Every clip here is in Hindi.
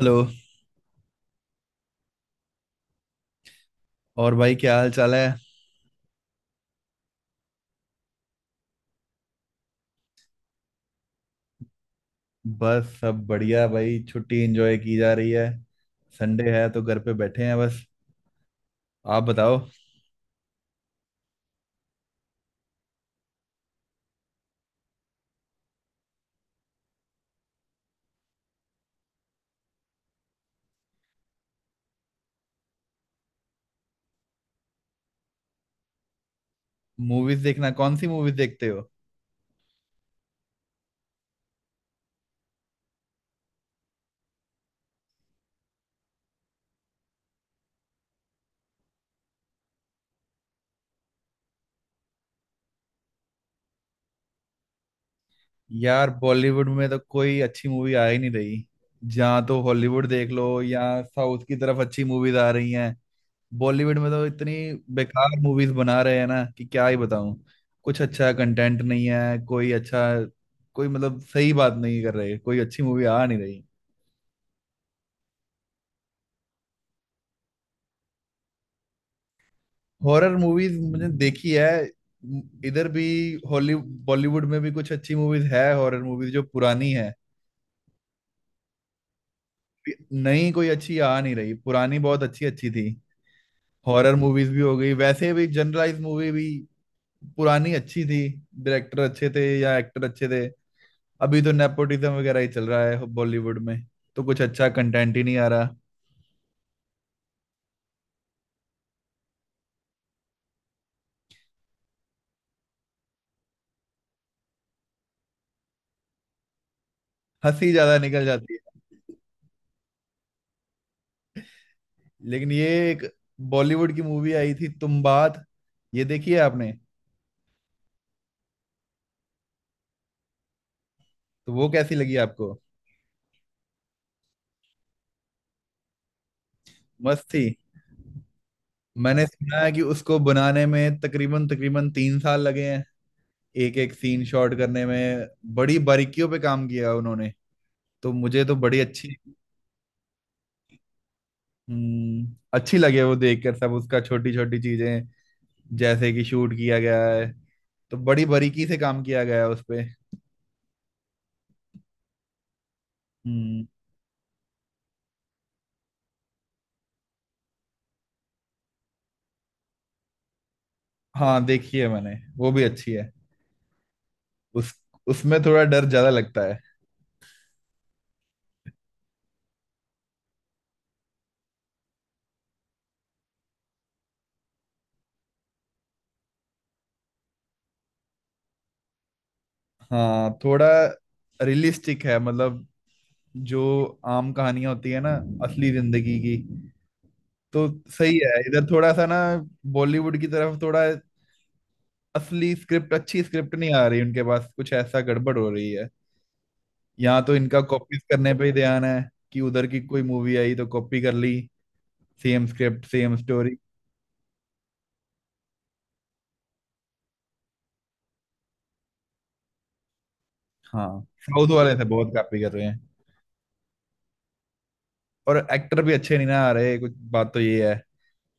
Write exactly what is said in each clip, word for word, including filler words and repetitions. हेलो। और भाई क्या हाल चाल है? बस सब बढ़िया भाई, छुट्टी एंजॉय की जा रही है। संडे है तो घर पे बैठे हैं बस। आप बताओ। मूवीज देखना, कौन सी मूवीज देखते हो? यार बॉलीवुड में तो कोई अच्छी मूवी आ ही नहीं रही। जहाँ तो हॉलीवुड देख लो या साउथ की तरफ अच्छी मूवीज आ रही हैं। बॉलीवुड में तो इतनी बेकार मूवीज बना रहे हैं ना कि क्या ही बताऊं। कुछ अच्छा कंटेंट नहीं है, कोई अच्छा, कोई मतलब सही बात नहीं कर रहे, कोई अच्छी मूवी आ नहीं रही। हॉरर मूवीज मैंने देखी है। इधर भी हॉली बॉलीवुड में भी कुछ अच्छी मूवीज है, हॉरर मूवीज जो पुरानी है। नई कोई अच्छी आ नहीं रही, पुरानी बहुत अच्छी अच्छी थी। हॉरर मूवीज भी हो गई, वैसे भी जनरलाइज मूवी भी पुरानी अच्छी थी। डायरेक्टर अच्छे थे या एक्टर अच्छे थे। अभी तो नेपोटिज्म वगैरह ही चल रहा है बॉलीवुड में, तो कुछ अच्छा कंटेंट ही नहीं आ रहा। हंसी ज्यादा निकल जाती है। लेकिन ये एक बॉलीवुड की मूवी आई थी तुम बात, ये देखी है आपने? तो वो कैसी लगी आपको? मस्त थी। मैंने सुना है कि उसको बनाने में तकरीबन तकरीबन तीन साल लगे हैं। एक एक सीन शॉट करने में बड़ी बारीकियों पे काम किया उन्होंने। तो मुझे तो बड़ी अच्छी हम्म, अच्छी लगे वो देखकर सब उसका, छोटी छोटी चीजें जैसे कि शूट किया गया है, तो बड़ी बारीकी से काम किया गया है उस पे। हम्म। हाँ देखी है मैंने, वो भी अच्छी है। उस उसमें थोड़ा डर ज्यादा लगता है। हाँ थोड़ा रियलिस्टिक है मतलब, जो आम कहानियां होती है ना, असली जिंदगी की। तो सही है इधर थोड़ा सा ना। बॉलीवुड की तरफ थोड़ा असली स्क्रिप्ट, अच्छी स्क्रिप्ट नहीं आ रही उनके पास, कुछ ऐसा गड़बड़ हो रही है। यहाँ तो इनका कॉपीज करने पे ही ध्यान है कि उधर की कोई मूवी आई तो कॉपी कर ली। Same script same story. हाँ, साउथ वाले से बहुत कॉपी कर रहे हैं। और एक्टर भी अच्छे नहीं ना आ रहे, कुछ बात तो ये है।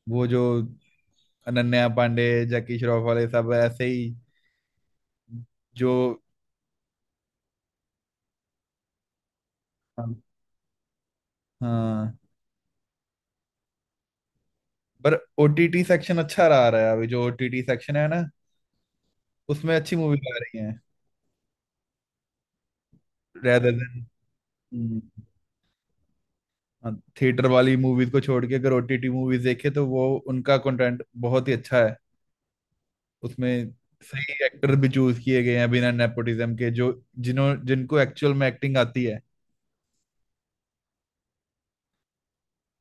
वो जो अनन्या पांडे जैकी श्रॉफ वाले सब ऐसे ही जो। हाँ, पर ओटीटी सेक्शन अच्छा रहा रहा है, अभी जो ओटीटी सेक्शन है ना, उसमें अच्छी मूवीज आ रही हैं। रेदर देन थिएटर वाली मूवीज को छोड़ के अगर ओटीटी मूवीज देखे तो वो, उनका कंटेंट बहुत ही अच्छा है। उसमें सही एक्टर भी चूज किए गए हैं बिना नेपोटिज्म के, जो जिन्हों जिनको एक्चुअल में एक्टिंग आती है।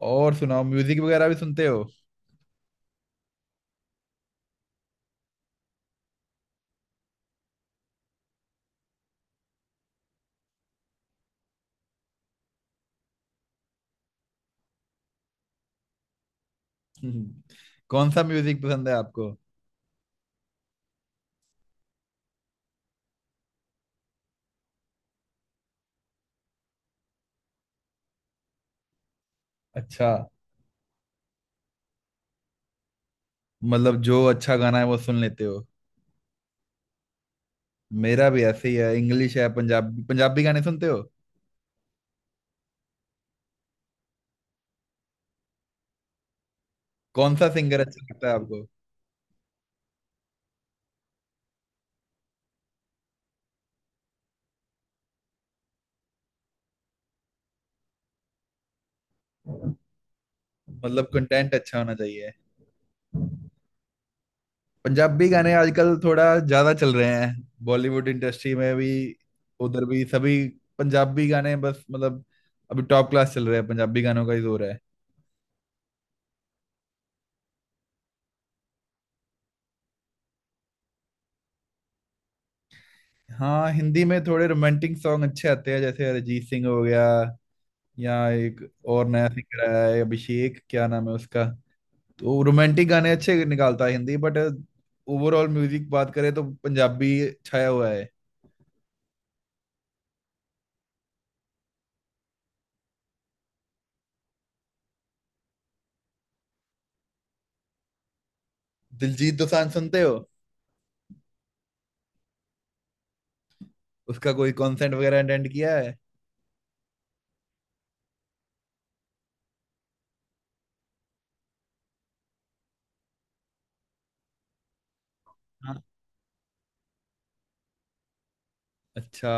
और सुनाओ, म्यूजिक वगैरह भी सुनते हो? हम्म, कौन सा म्यूजिक पसंद है आपको? अच्छा, मतलब जो अच्छा गाना है वो सुन लेते हो। मेरा भी ऐसे ही है, इंग्लिश है। पंजाबी, पंजाबी गाने सुनते हो? कौन सा सिंगर अच्छा लगता है आपको? मतलब कंटेंट अच्छा होना चाहिए। पंजाबी गाने आजकल थोड़ा ज्यादा चल रहे हैं, बॉलीवुड इंडस्ट्री में भी, उधर भी सभी पंजाबी गाने बस मतलब, अभी टॉप क्लास चल रहे हैं, पंजाबी गानों का ही जोर है। हाँ, हिंदी में थोड़े रोमांटिक सॉन्ग अच्छे आते हैं, जैसे अरिजीत सिंह हो गया, या एक और नया सिंगर आया है अभिषेक, क्या नाम है उसका। तो रोमांटिक गाने अच्छे निकालता है हिंदी, बट ओवरऑल म्यूजिक बात करें तो पंजाबी छाया हुआ है। दिलजीत दोसांझ सुनते हो? उसका कोई कॉन्सर्ट वगैरह अटेंड किया है? हाँ, अच्छा।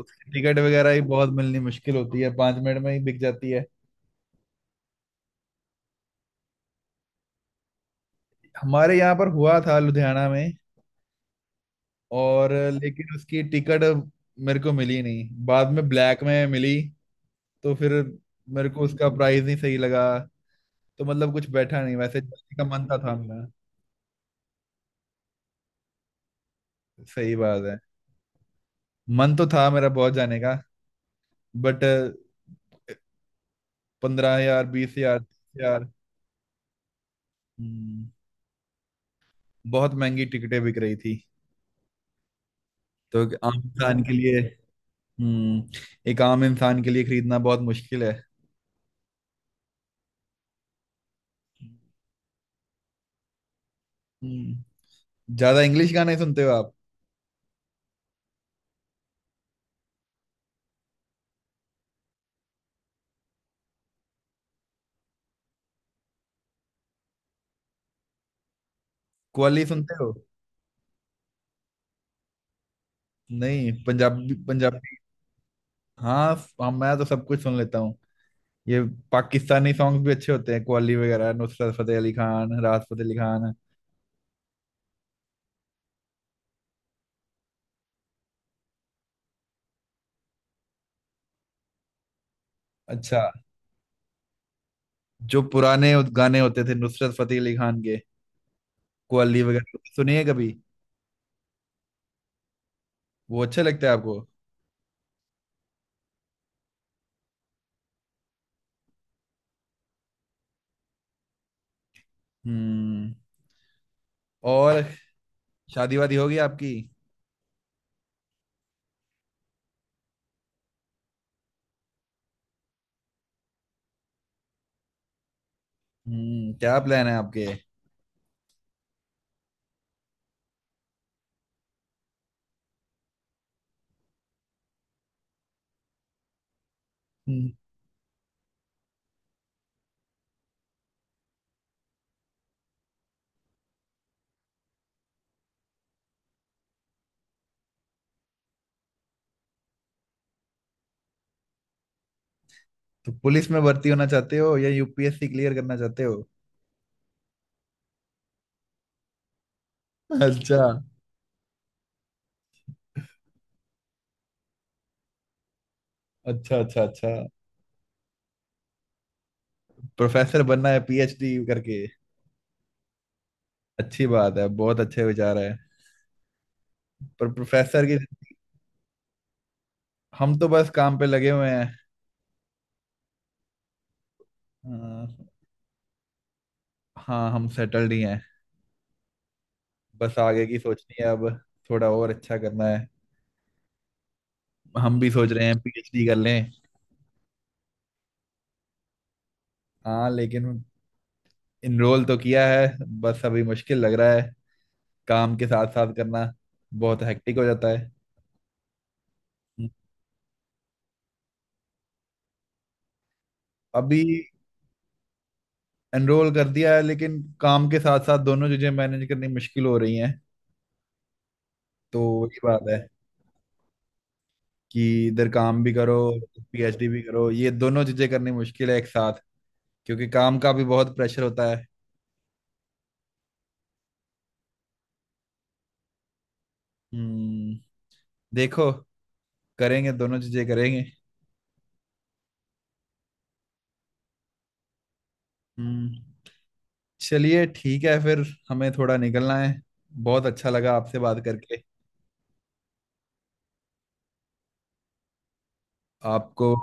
उसकी टिकट वगैरह ही बहुत मिलनी मुश्किल होती है, पांच मिनट में ही बिक जाती है। हमारे यहाँ पर हुआ था लुधियाना में। और लेकिन उसकी टिकट मेरे को मिली नहीं, बाद में ब्लैक में मिली, तो फिर मेरे को उसका प्राइस नहीं सही लगा। तो मतलब कुछ बैठा नहीं, वैसे जाने का मन तो था मेरा। सही बात है। मन तो था मेरा बहुत जाने का, बट पंद्रह हजार, बीस हजार, तीस हजार। हम्म, बहुत महंगी टिकटें बिक रही थी, तो एक आम इंसान के लिए हम्म एक आम इंसान के लिए खरीदना बहुत मुश्किल है। हम्म ज्यादा इंग्लिश गाने सुनते हो आप? कव्वाली सुनते हो? नहीं पंजाबी पंजाबी। हाँ, हाँ मैं तो सब कुछ सुन लेता हूँ ये। पाकिस्तानी सॉन्ग्स भी अच्छे होते हैं, कव्वाली वगैरह, नुसरत फतेह अली खान, राहत फतेह अली खान। अच्छा, जो पुराने उस गाने होते थे नुसरत फतेह अली खान के, कव्वाली वगैरह सुनिए कभी, वो अच्छे लगते हैं आपको? हम्म और शादी वादी होगी आपकी? हम्म क्या प्लान है आपके? तो पुलिस में भर्ती होना चाहते हो या यूपीएससी क्लियर करना चाहते हो? अच्छा, अच्छा, अच्छा, अच्छा। प्रोफेसर बनना है पीएचडी करके? अच्छी बात है, बहुत अच्छे विचार है। पर प्रोफेसर की, हम तो बस काम पे लगे हुए हैं। अ, हाँ, हम सेटल्ड ही हैं। बस आगे की सोचनी है अब, थोड़ा और अच्छा करना है। हम भी सोच रहे हैं पीएचडी कर लें। हाँ, लेकिन इनरोल तो किया है बस, अभी मुश्किल लग रहा है काम के साथ साथ करना, बहुत हेक्टिक हो जाता है। अभी एनरोल कर दिया है, लेकिन काम के साथ साथ दोनों चीजें मैनेज करनी मुश्किल हो रही हैं। तो वही बात है कि इधर काम भी करो, पीएचडी भी करो, ये दोनों चीजें करनी मुश्किल है एक साथ, क्योंकि काम का भी बहुत प्रेशर होता है। हम्म देखो, करेंगे, दोनों चीजें करेंगे। हम्म चलिए ठीक है फिर, हमें थोड़ा निकलना है। बहुत अच्छा लगा आपसे बात करके, आपको।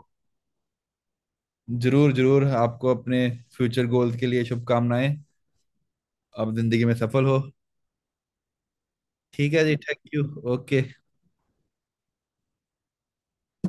जरूर जरूर, आपको अपने फ्यूचर गोल्स के लिए शुभकामनाएं, आप जिंदगी में सफल हो। ठीक है जी, थैंक यू। ओके।